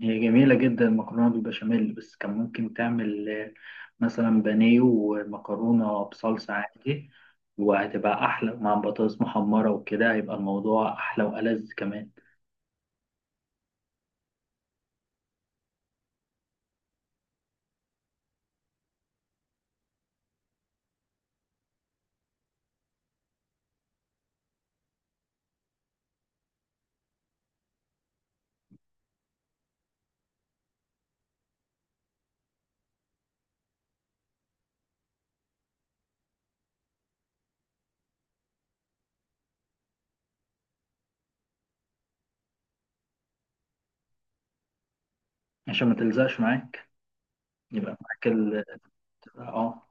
هي جميلة جدا المكرونة بالبشاميل، بس كان ممكن تعمل مثلا بانيه ومكرونة بصلصة عادي. وهتبقى أحلى مع بطاطس محمرة وكده هيبقى الموضوع أحلى وألذ كمان. عشان ما تلزقش معاك يبقى معاك. اه،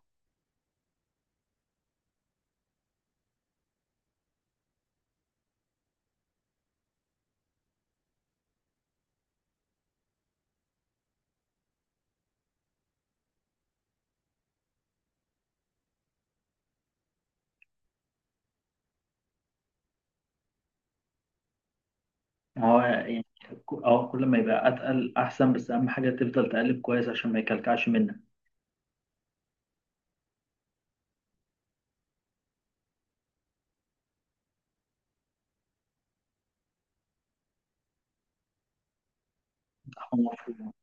هو يعني، اه، كل ما يبقى أتقل أحسن، بس أهم حاجة تفضل تقلب كويس عشان ما يكلكعش منك. هو مفروض.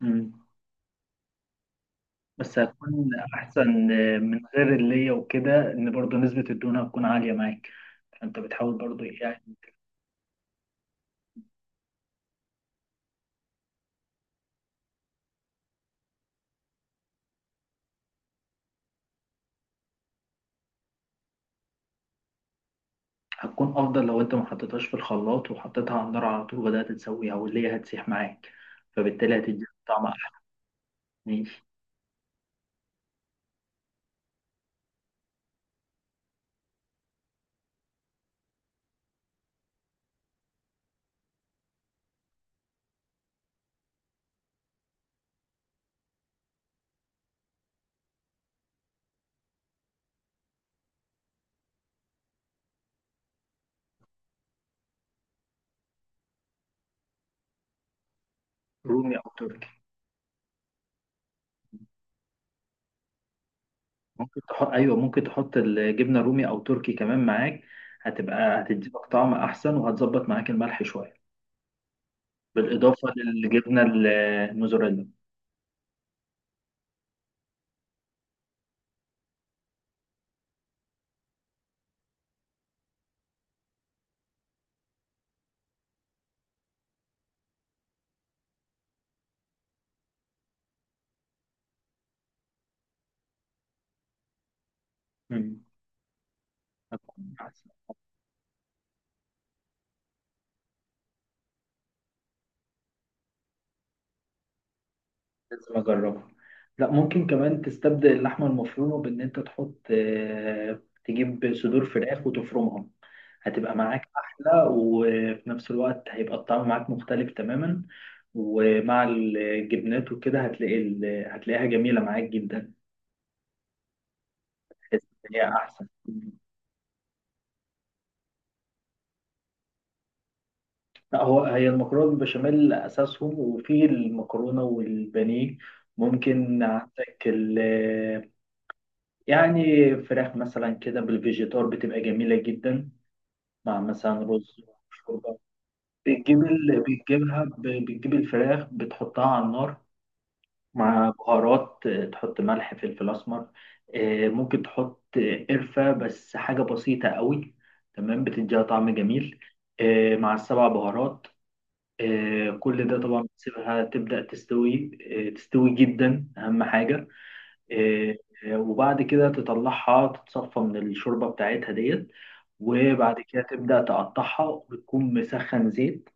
مم. بس هتكون أحسن من غير اللي هي وكده إن برضه نسبة الدهون هتكون عالية معاك. انت بتحاول برضو إيه يعني؟ هتكون افضل لو انت ما حطيتهاش في الخلاط وحطيتها على النار على طول وبدات تسويها واللي هي هتسيح معاك، فبالتالي هتدي طعم احلى. ماشي. رومي او تركي؟ ممكن تحط، ايوه، ممكن تحط الجبنه رومي او تركي كمان معاك، هتبقى هتديلك طعم احسن وهتظبط معاك الملح شويه بالاضافه للجبنه الموزاريلا. مم. هتكون احسن. لازم اجربها. لا، ممكن كمان تستبدل اللحمه المفرومه بان انت تحط، تجيب صدور فراخ وتفرمهم. هتبقى معاك احلى وفي نفس الوقت هيبقى الطعم معاك مختلف تماما. ومع الجبنات وكده هتلاقي هتلاقيها جميله معاك جدا. تحس ان هي احسن. لا، هو هي المكرونه بالبشاميل اساسهم، وفي المكرونه والبانيه ممكن عندك يعني فراخ مثلا كده بالفيجيتار بتبقى جميلة جدا مع مثلا رز. شوربة. بتجيب الفراخ بتحطها على النار مع بهارات، تحط ملح فلفل أسمر. ممكن تحط قرفة بس حاجة بسيطة قوي، تمام بتديها طعم جميل. مع السبع بهارات، كل ده طبعا بتسيبها تبدأ تستوي، تستوي جدا أهم حاجة. آه، وبعد كده تطلعها تتصفى من الشوربة بتاعتها ديت، وبعد كده تبدأ تقطعها وتكون مسخن زيت.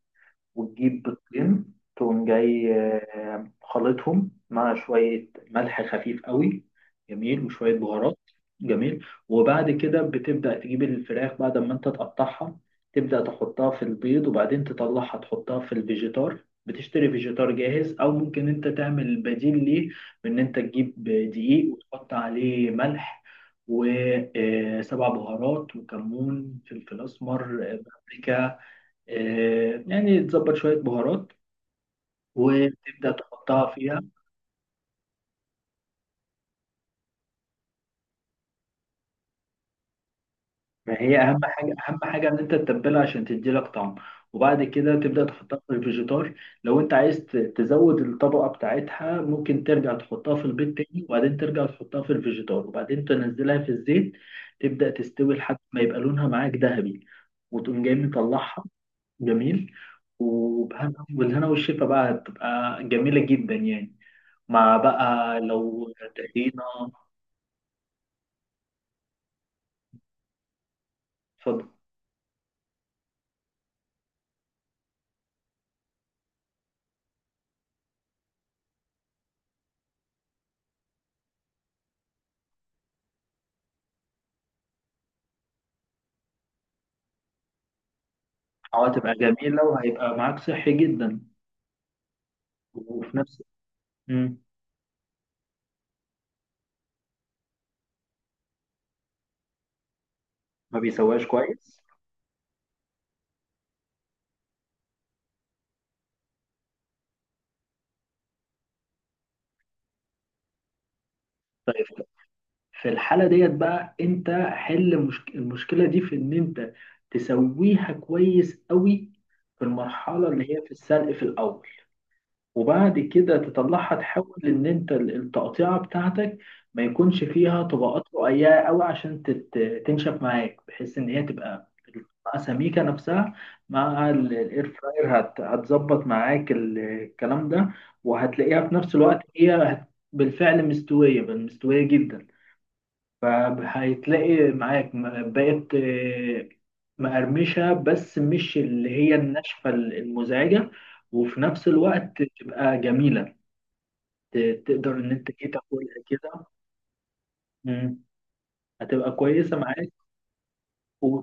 وتجيب بيضتين تقوم جاي خلطهم مع شوية ملح خفيف قوي، جميل، وشوية بهارات جميل. وبعد كده بتبدأ تجيب الفراخ بعد ما انت تقطعها، تبدأ تحطها في البيض وبعدين تطلعها تحطها في الفيجيتار. بتشتري فيجيتار جاهز او ممكن انت تعمل بديل ليه بان انت تجيب دقيق وتحط عليه ملح وسبع بهارات وكمون فلفل اسمر، بابريكا، يعني تظبط شوية بهارات وتبدأ تحطها فيها. فهي أهم حاجة أهم حاجة إن أنت تتبلها عشان تديلك طعم، وبعد كده تبدأ تحطها في الفيجيتار. لو أنت عايز تزود الطبقة بتاعتها ممكن ترجع تحطها في البيض تاني وبعدين ترجع تحطها في الفيجيتار وبعدين تنزلها في الزيت، تبدأ تستوي لحد ما يبقى لونها معاك ذهبي، وتقوم جاي مطلعها جميل. وبهنا والهنا والشفا بقى هتبقى جميلة جدا يعني، مع بقى لو طحينة. اتفضل. اه، هتبقى جميلة وهيبقى معاك صحي جدا وفي نفس مم. ما بيسواش كويس. طيب، في الحالة ديت بقى انت حل المشكلة دي في ان انت تسويها كويس قوي في المرحلة اللي هي في السلق في الأول. وبعد كده تطلعها تحاول ان انت التقطيعه بتاعتك ما يكونش فيها طبقات رقيقه قوي عشان تنشف معاك، بحيث ان هي تبقى القطعة سميكه نفسها. مع الاير فراير هتظبط معاك الكلام ده، وهتلاقيها في نفس الوقت هي بالفعل مستويه بل مستويه جدا. فهيتلاقي معاك بقت مقرمشة، بس مش اللي هي الناشفة المزعجة، وفي نفس الوقت تبقى جميلة. تقدر إن أنت إيه تاكلها كده. مم. هتبقى كويسة معاك و...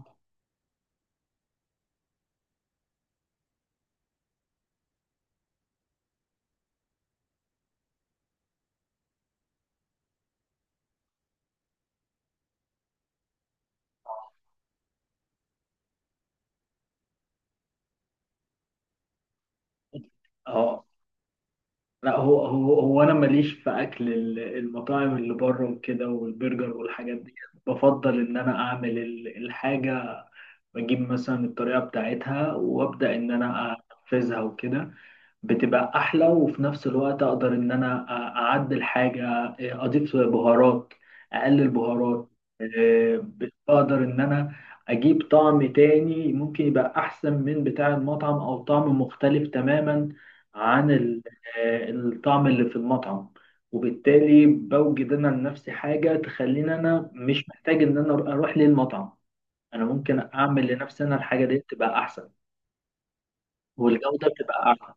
اه. لا، هو أنا ماليش في أكل المطاعم اللي بره وكده والبرجر والحاجات دي. بفضل إن أنا أعمل الحاجة، بجيب مثلا الطريقة بتاعتها وأبدأ إن أنا أنفذها وكده. بتبقى احلى وفي نفس الوقت اقدر ان انا اعدل حاجه، اضيف بهارات، اقلل بهارات. أه، بقدر ان انا اجيب طعم تاني ممكن يبقى احسن من بتاع المطعم او طعم مختلف تماما عن الطعم اللي في المطعم. وبالتالي بوجد انا لنفسي حاجه تخليني انا مش محتاج ان انا اروح للمطعم. انا ممكن اعمل لنفسي انا الحاجه دي تبقى احسن، والجوده بتبقى احسن.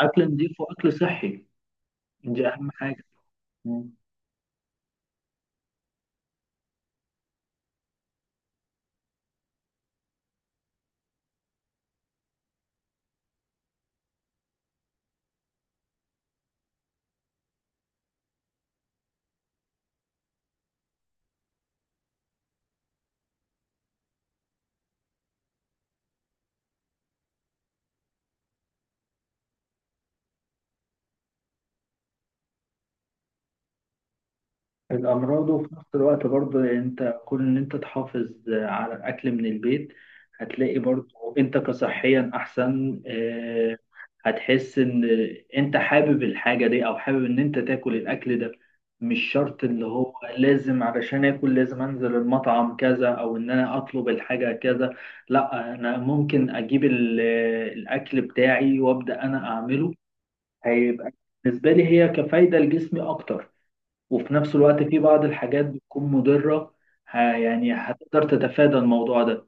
اكل نضيف واكل صحي، دي أهم حاجة. مم. الأمراض، وفي نفس الوقت برضه أنت كون إن أنت تحافظ على الأكل من البيت، هتلاقي برضه أنت كصحيا أحسن. هتحس إن أنت حابب الحاجة دي أو حابب إن أنت تاكل الأكل ده، مش شرط اللي هو لازم علشان آكل لازم أنزل المطعم كذا أو إن أنا أطلب الحاجة كذا. لأ، أنا ممكن أجيب الأكل بتاعي وأبدأ أنا أعمله، هيبقى بالنسبة لي هي كفايدة لجسمي أكتر، وفي نفس الوقت في بعض الحاجات بتكون مضرة. يعني هتقدر تتفادى الموضوع ده.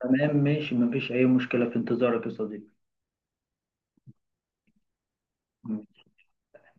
تمام، ماشي، مفيش أي مشكلة، في انتظارك يا صديقي.